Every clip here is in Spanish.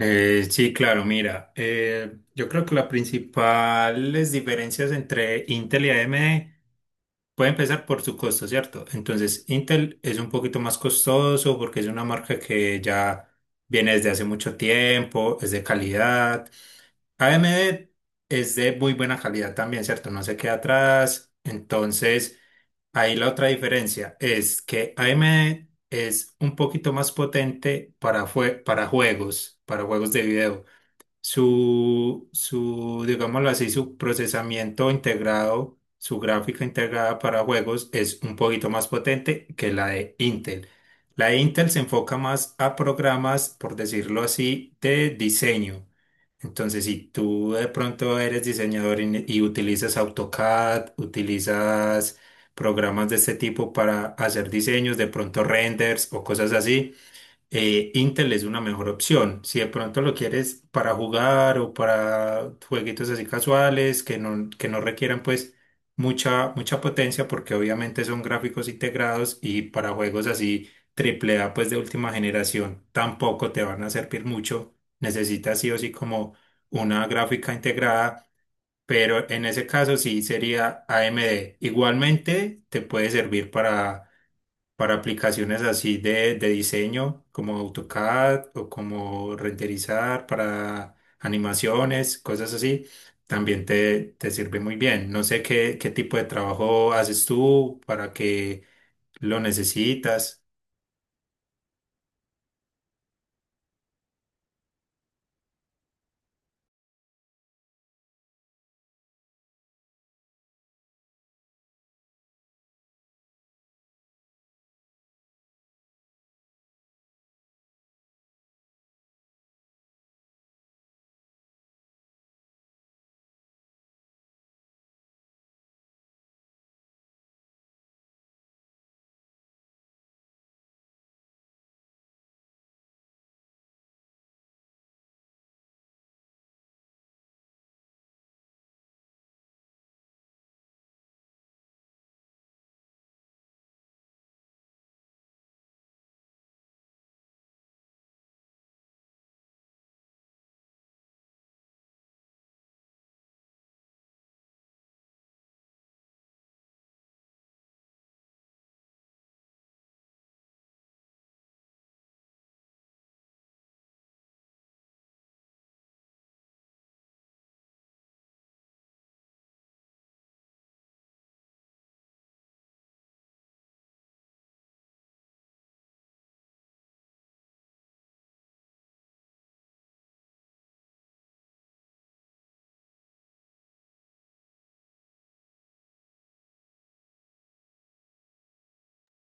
Sí, claro, mira, yo creo que las principales diferencias entre Intel y AMD puede empezar por su costo, ¿cierto? Entonces, Intel es un poquito más costoso porque es una marca que ya viene desde hace mucho tiempo, es de calidad. AMD es de muy buena calidad también, ¿cierto? No se queda atrás. Entonces, ahí la otra diferencia es que AMD es un poquito más potente para juegos de video, digámoslo así, su procesamiento integrado, su gráfica integrada para juegos es un poquito más potente que la de Intel. La de Intel se enfoca más a programas, por decirlo así, de diseño. Entonces, si tú de pronto eres diseñador y utilizas AutoCAD, utilizas programas de este tipo para hacer diseños, de pronto renders o cosas así, Intel es una mejor opción. Si de pronto lo quieres para jugar o para jueguitos así casuales que no requieran pues mucha, mucha potencia porque obviamente son gráficos integrados y para juegos así triple A pues de última generación tampoco te van a servir mucho. Necesitas sí o sí como una gráfica integrada, pero en ese caso sí sería AMD. Igualmente te puede servir para aplicaciones así de diseño, como AutoCAD o como renderizar para animaciones, cosas así, también te sirve muy bien. No sé qué tipo de trabajo haces tú, para qué lo necesitas.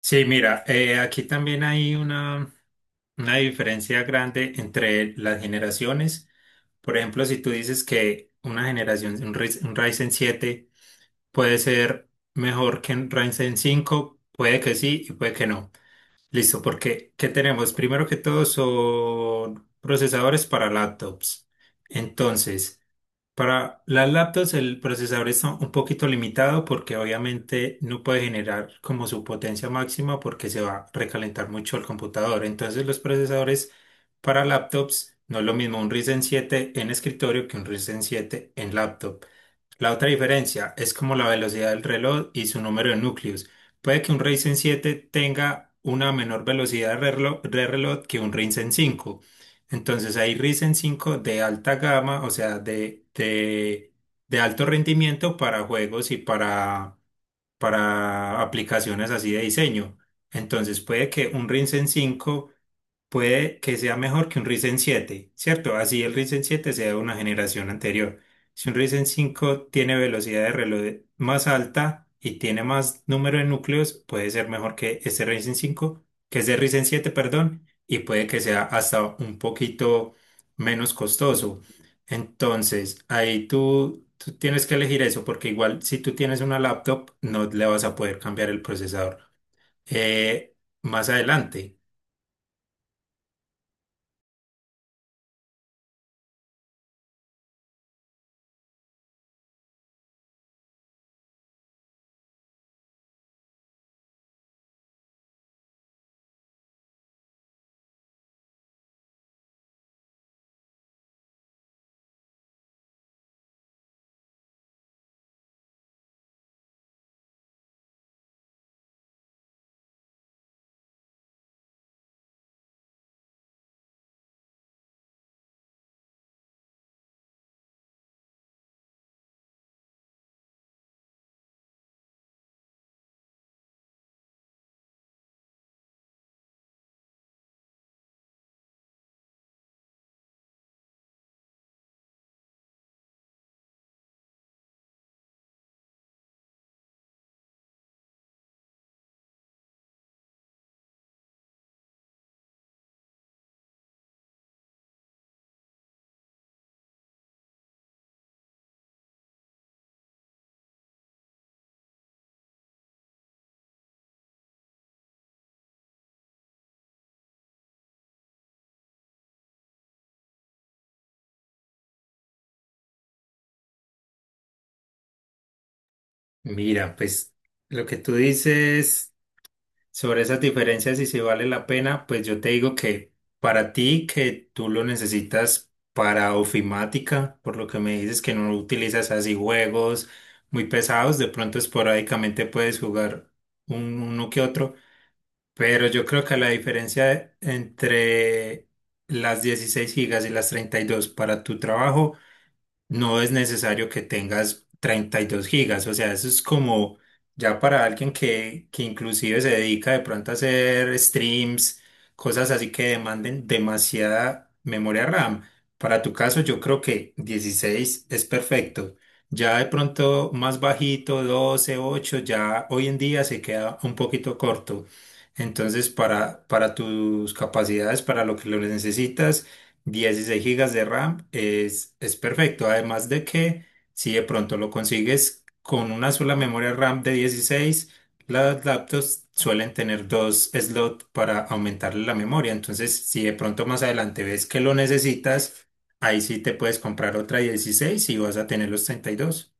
Sí, mira, aquí también hay una diferencia grande entre las generaciones. Por ejemplo, si tú dices que una generación, un Ryzen 7 puede ser mejor que en Ryzen 5, puede que sí y puede que no. Listo, porque ¿qué tenemos? Primero que todo son procesadores para laptops. Entonces, para las laptops el procesador está un poquito limitado porque obviamente no puede generar como su potencia máxima porque se va a recalentar mucho el computador. Entonces, los procesadores para laptops no es lo mismo un Ryzen 7 en escritorio que un Ryzen 7 en laptop. La otra diferencia es como la velocidad del reloj y su número de núcleos. Puede que un Ryzen 7 tenga una menor velocidad de reloj que un Ryzen 5. Entonces hay Ryzen 5 de alta gama, o sea, de alto rendimiento para juegos y para aplicaciones así de diseño. Entonces puede que un Ryzen 5 puede que sea mejor que un Ryzen 7, ¿cierto? Así el Ryzen 7 sea de una generación anterior. Si un Ryzen 5 tiene velocidad de reloj más alta y tiene más número de núcleos, puede ser mejor que este Ryzen 5, que es de Ryzen 7, perdón, y puede que sea hasta un poquito menos costoso. Entonces, ahí tú tienes que elegir eso, porque igual si tú tienes una laptop, no le vas a poder cambiar el procesador. Eh, más adelante. Mira, pues lo que tú dices sobre esas diferencias y si vale la pena, pues yo te digo que para ti que tú lo necesitas para ofimática, por lo que me dices que no utilizas así juegos muy pesados, de pronto esporádicamente puedes jugar uno que otro, pero yo creo que la diferencia entre las 16 gigas y las 32 para tu trabajo no es necesario que tengas 32 gigas, o sea, eso es como ya para alguien que inclusive se dedica de pronto a hacer streams, cosas así que demanden demasiada memoria RAM. Para tu caso, yo creo que 16 es perfecto. Ya de pronto más bajito, 12 8 ya hoy en día se queda un poquito corto. Entonces, para tus capacidades, para lo que lo necesitas, 16 gigas de RAM es perfecto. Además de que si de pronto lo consigues con una sola memoria RAM de 16, las laptops suelen tener dos slots para aumentarle la memoria. Entonces, si de pronto más adelante ves que lo necesitas, ahí sí te puedes comprar otra 16 y vas a tener los 32.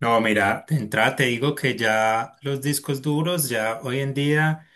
No, mira, de entrada te digo que ya los discos duros, ya hoy en día...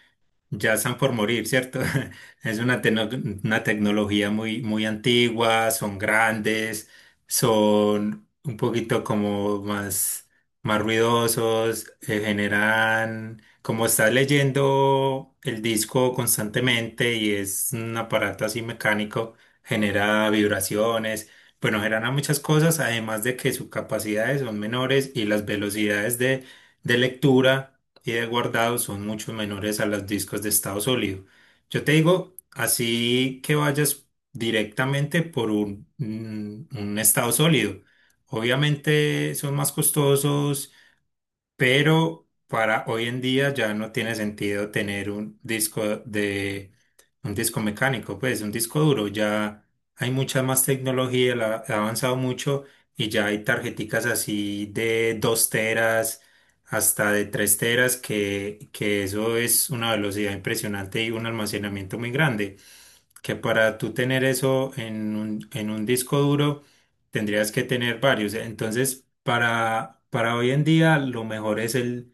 Ya están por morir, ¿cierto? Es una tecnología muy, muy antigua, son grandes, son un poquito como más ruidosos, generan, como estás leyendo el disco constantemente y es un aparato así mecánico, genera vibraciones, bueno, genera muchas cosas, además de que sus capacidades son menores y las velocidades de lectura y de guardado son mucho menores a los discos de estado sólido. Yo te digo, así que vayas directamente por un estado sólido. Obviamente son más costosos, pero para hoy en día ya no tiene sentido tener un disco de un disco mecánico, pues un disco duro, ya hay mucha más tecnología, ha avanzado mucho y ya hay tarjeticas así de 2 teras hasta de 3 teras que eso es una velocidad impresionante y un almacenamiento muy grande que para tú tener eso en en un disco duro, tendrías que tener varios. Entonces, para hoy en día, lo mejor es el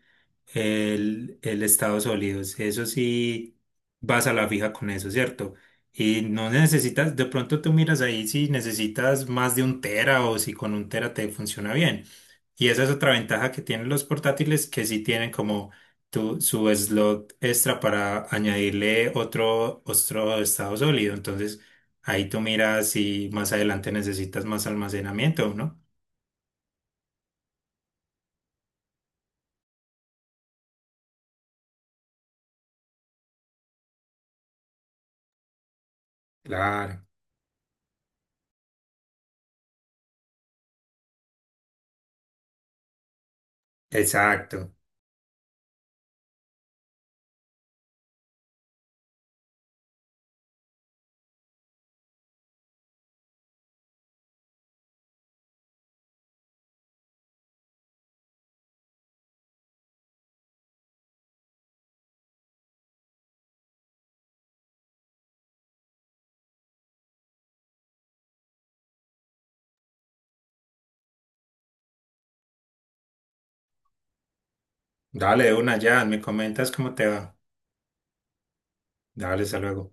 el, el Estados Unidos. Eso sí, vas a la fija con eso, ¿cierto? Y no necesitas, de pronto tú miras ahí si necesitas más de 1 tera o si con 1 tera te funciona bien. Y esa es otra ventaja que tienen los portátiles, que sí tienen como su slot extra para añadirle otro estado sólido. Entonces, ahí tú miras si más adelante necesitas más almacenamiento, ¿no? Claro, exacto. Dale de una ya, me comentas cómo te va. Dale, hasta luego.